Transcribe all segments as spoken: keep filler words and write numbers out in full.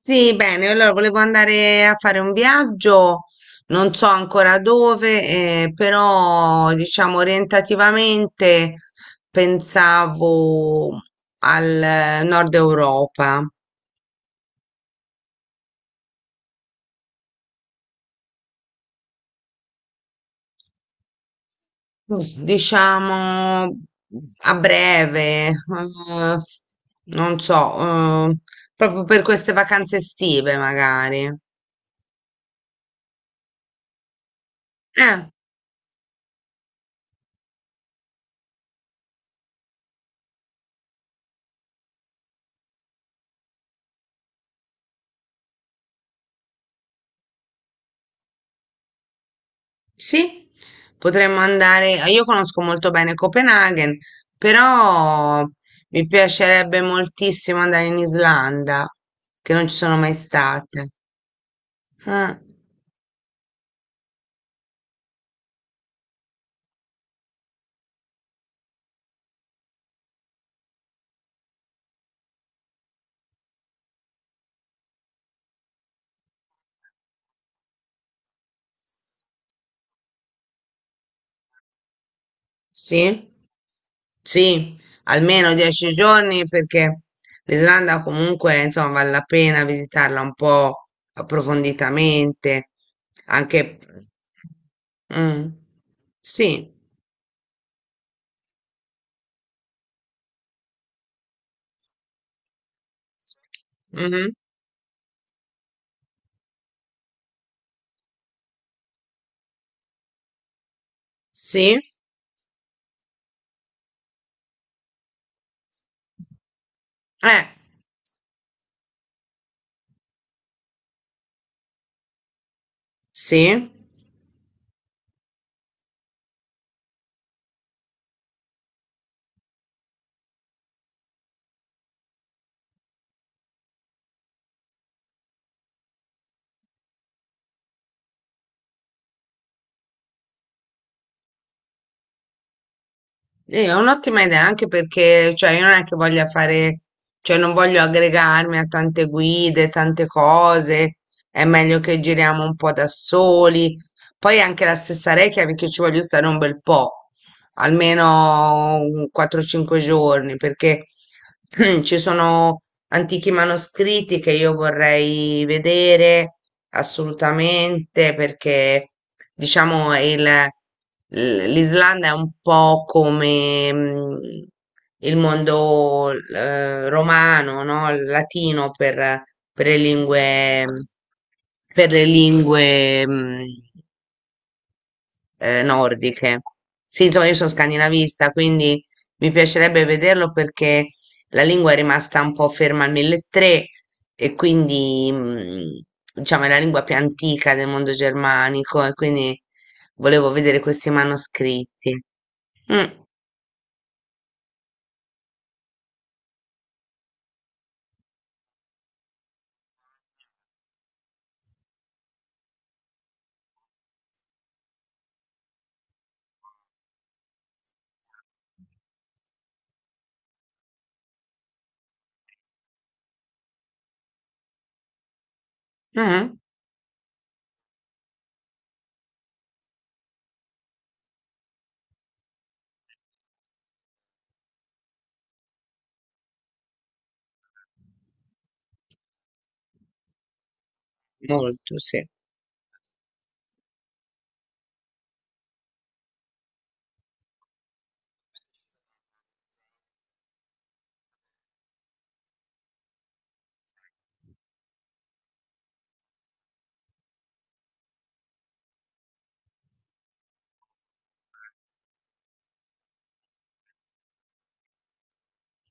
Sì, bene, allora volevo andare a fare un viaggio, non so ancora dove, eh, però diciamo orientativamente pensavo al eh, nord Europa. Mm, diciamo a breve, eh, non so, eh, proprio per queste vacanze estive magari. Eh. Sì, potremmo andare. Io conosco molto bene Copenaghen, però mi piacerebbe moltissimo andare in Islanda, che non ci sono mai state. Ah, sì, sì, almeno dieci giorni perché l'Islanda comunque, insomma, vale la pena visitarla un po' approfonditamente, anche... Mm, sì, mhm, sì, eh, sì. Sì, è un'ottima idea anche perché, cioè, io non è che voglia fare, cioè, non voglio aggregarmi a tante guide, tante cose, è meglio che giriamo un po' da soli. Poi anche la stessa Reykjavik ci voglio stare un bel po', almeno un 4-5 giorni, perché ci sono antichi manoscritti che io vorrei vedere assolutamente perché diciamo il, l- l'Islanda è un po' come mm, il mondo eh, romano, no? Il latino per, per le lingue per le lingue mm, eh, nordiche. Sì, insomma, io sono scandinavista, quindi mi piacerebbe vederlo perché la lingua è rimasta un po' ferma al milletrecento e quindi, mh, diciamo, è la lingua più antica del mondo germanico e quindi volevo vedere questi manoscritti. Mm, mm, molto, sì.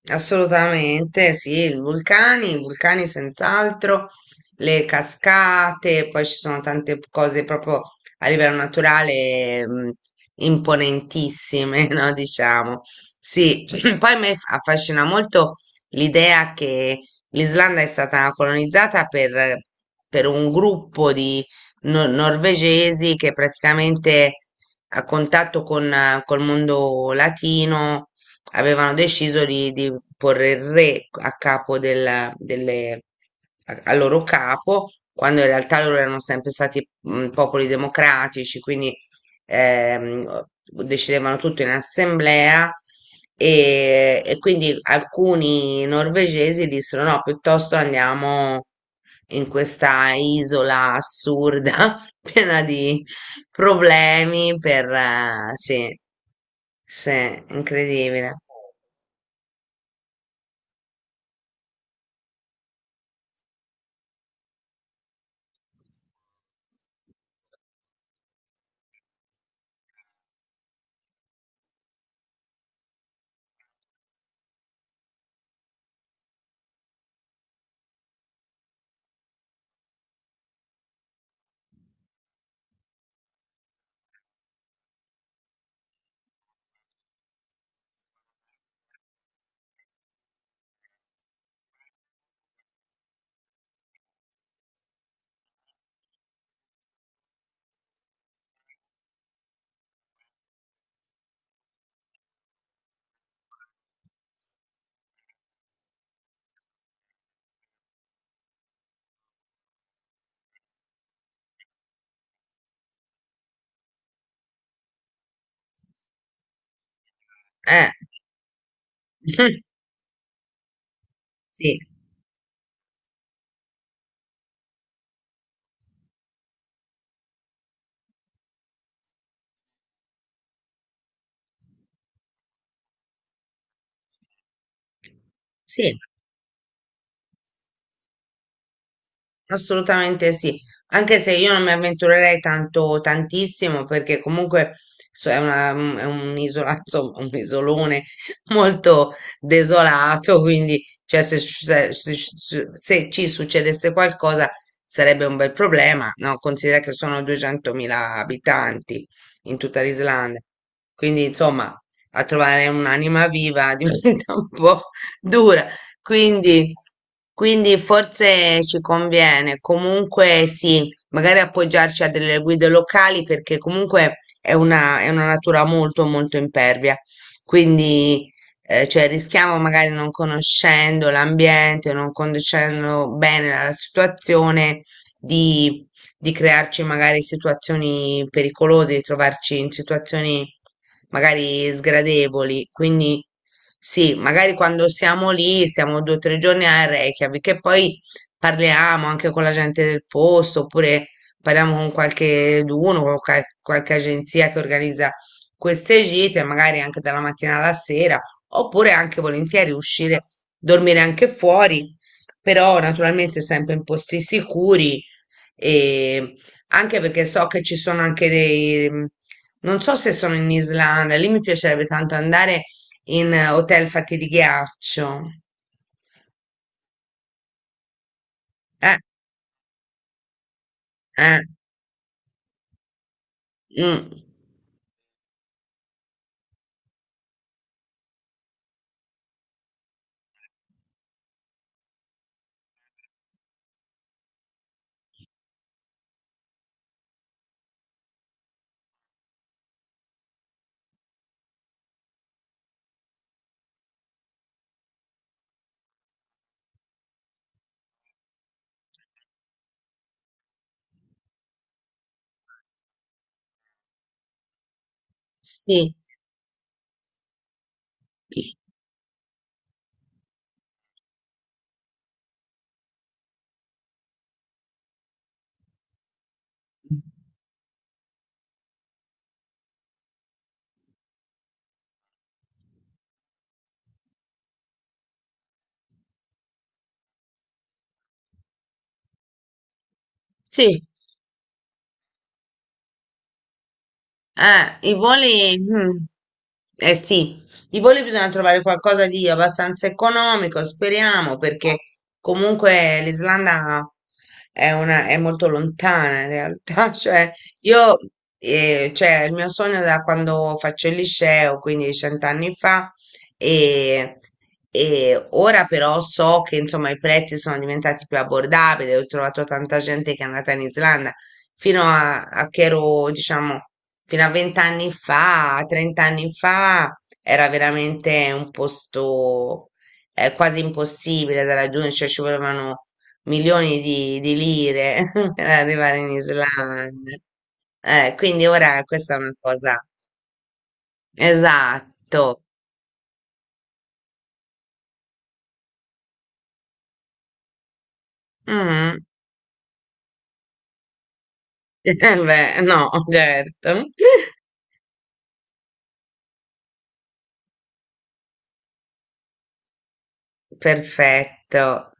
Assolutamente, sì, i vulcani, i vulcani senz'altro, le cascate, poi ci sono tante cose proprio a livello naturale mh, imponentissime, no? Diciamo. Sì, poi a me fa- affascina molto l'idea che l'Islanda è stata colonizzata per, per un gruppo di no- norvegesi che praticamente a contatto con, eh, col mondo latino avevano deciso di, di porre il re a capo della- delle, a, al loro capo, quando in realtà loro erano sempre stati mm, popoli democratici, quindi ehm, decidevano tutto in assemblea e, e quindi alcuni norvegesi dissero no, piuttosto andiamo in questa isola assurda piena di problemi per... eh, sì, sì, incredibile. Eh, sì, sì, assolutamente sì. Anche se io non mi avventurerei tanto, tantissimo, perché comunque so- è una- è un isola, insomma, un isolone molto desolato, quindi cioè, se, succe- se- se- se ci succedesse qualcosa sarebbe un bel problema, no? Considera che sono duecentomila abitanti in tutta l'Islanda, quindi insomma, a trovare un'anima viva diventa un po' dura. Quindi, quindi forse ci conviene comunque sì, magari appoggiarci a delle guide locali perché comunque è una, è una natura molto molto impervia. Quindi eh, cioè, rischiamo magari non conoscendo l'ambiente, non conoscendo bene la situazione di, di crearci magari situazioni pericolose, di trovarci in situazioni magari sgradevoli. Quindi sì, magari quando siamo lì, stiamo due o tre giorni a Reykjavik e poi parliamo anche con la gente del posto, oppure parliamo con qualche d'uno, con qual- qualche agenzia che organizza queste gite, magari anche dalla mattina alla sera, oppure anche volentieri uscire, dormire anche fuori, però naturalmente sempre in posti sicuri e anche perché so che ci sono anche dei non so se sono in Islanda, lì mi piacerebbe tanto andare in eh, hotel fatti di ghiaccio. Eh, eh, mm, sì, sì. Eh, i voli, mm, eh sì, i voli bisogna trovare qualcosa di abbastanza economico, speriamo, perché comunque l'Islanda è una, è molto lontana in realtà, cioè io, eh, cioè il mio sogno da quando faccio il liceo, quindi cent'anni fa, e, e ora però so che insomma i prezzi sono diventati più abbordabili, ho trovato tanta gente che è andata in Islanda, fino a, a che ero, diciamo fino a vent'anni fa, trent'anni fa, era veramente un posto eh, quasi impossibile da raggiungere, cioè ci volevano milioni di, di lire per arrivare in Islanda. Eh, quindi ora questa è una cosa... Esatto. Mhm. Eh beh, no, certo. Perfetto.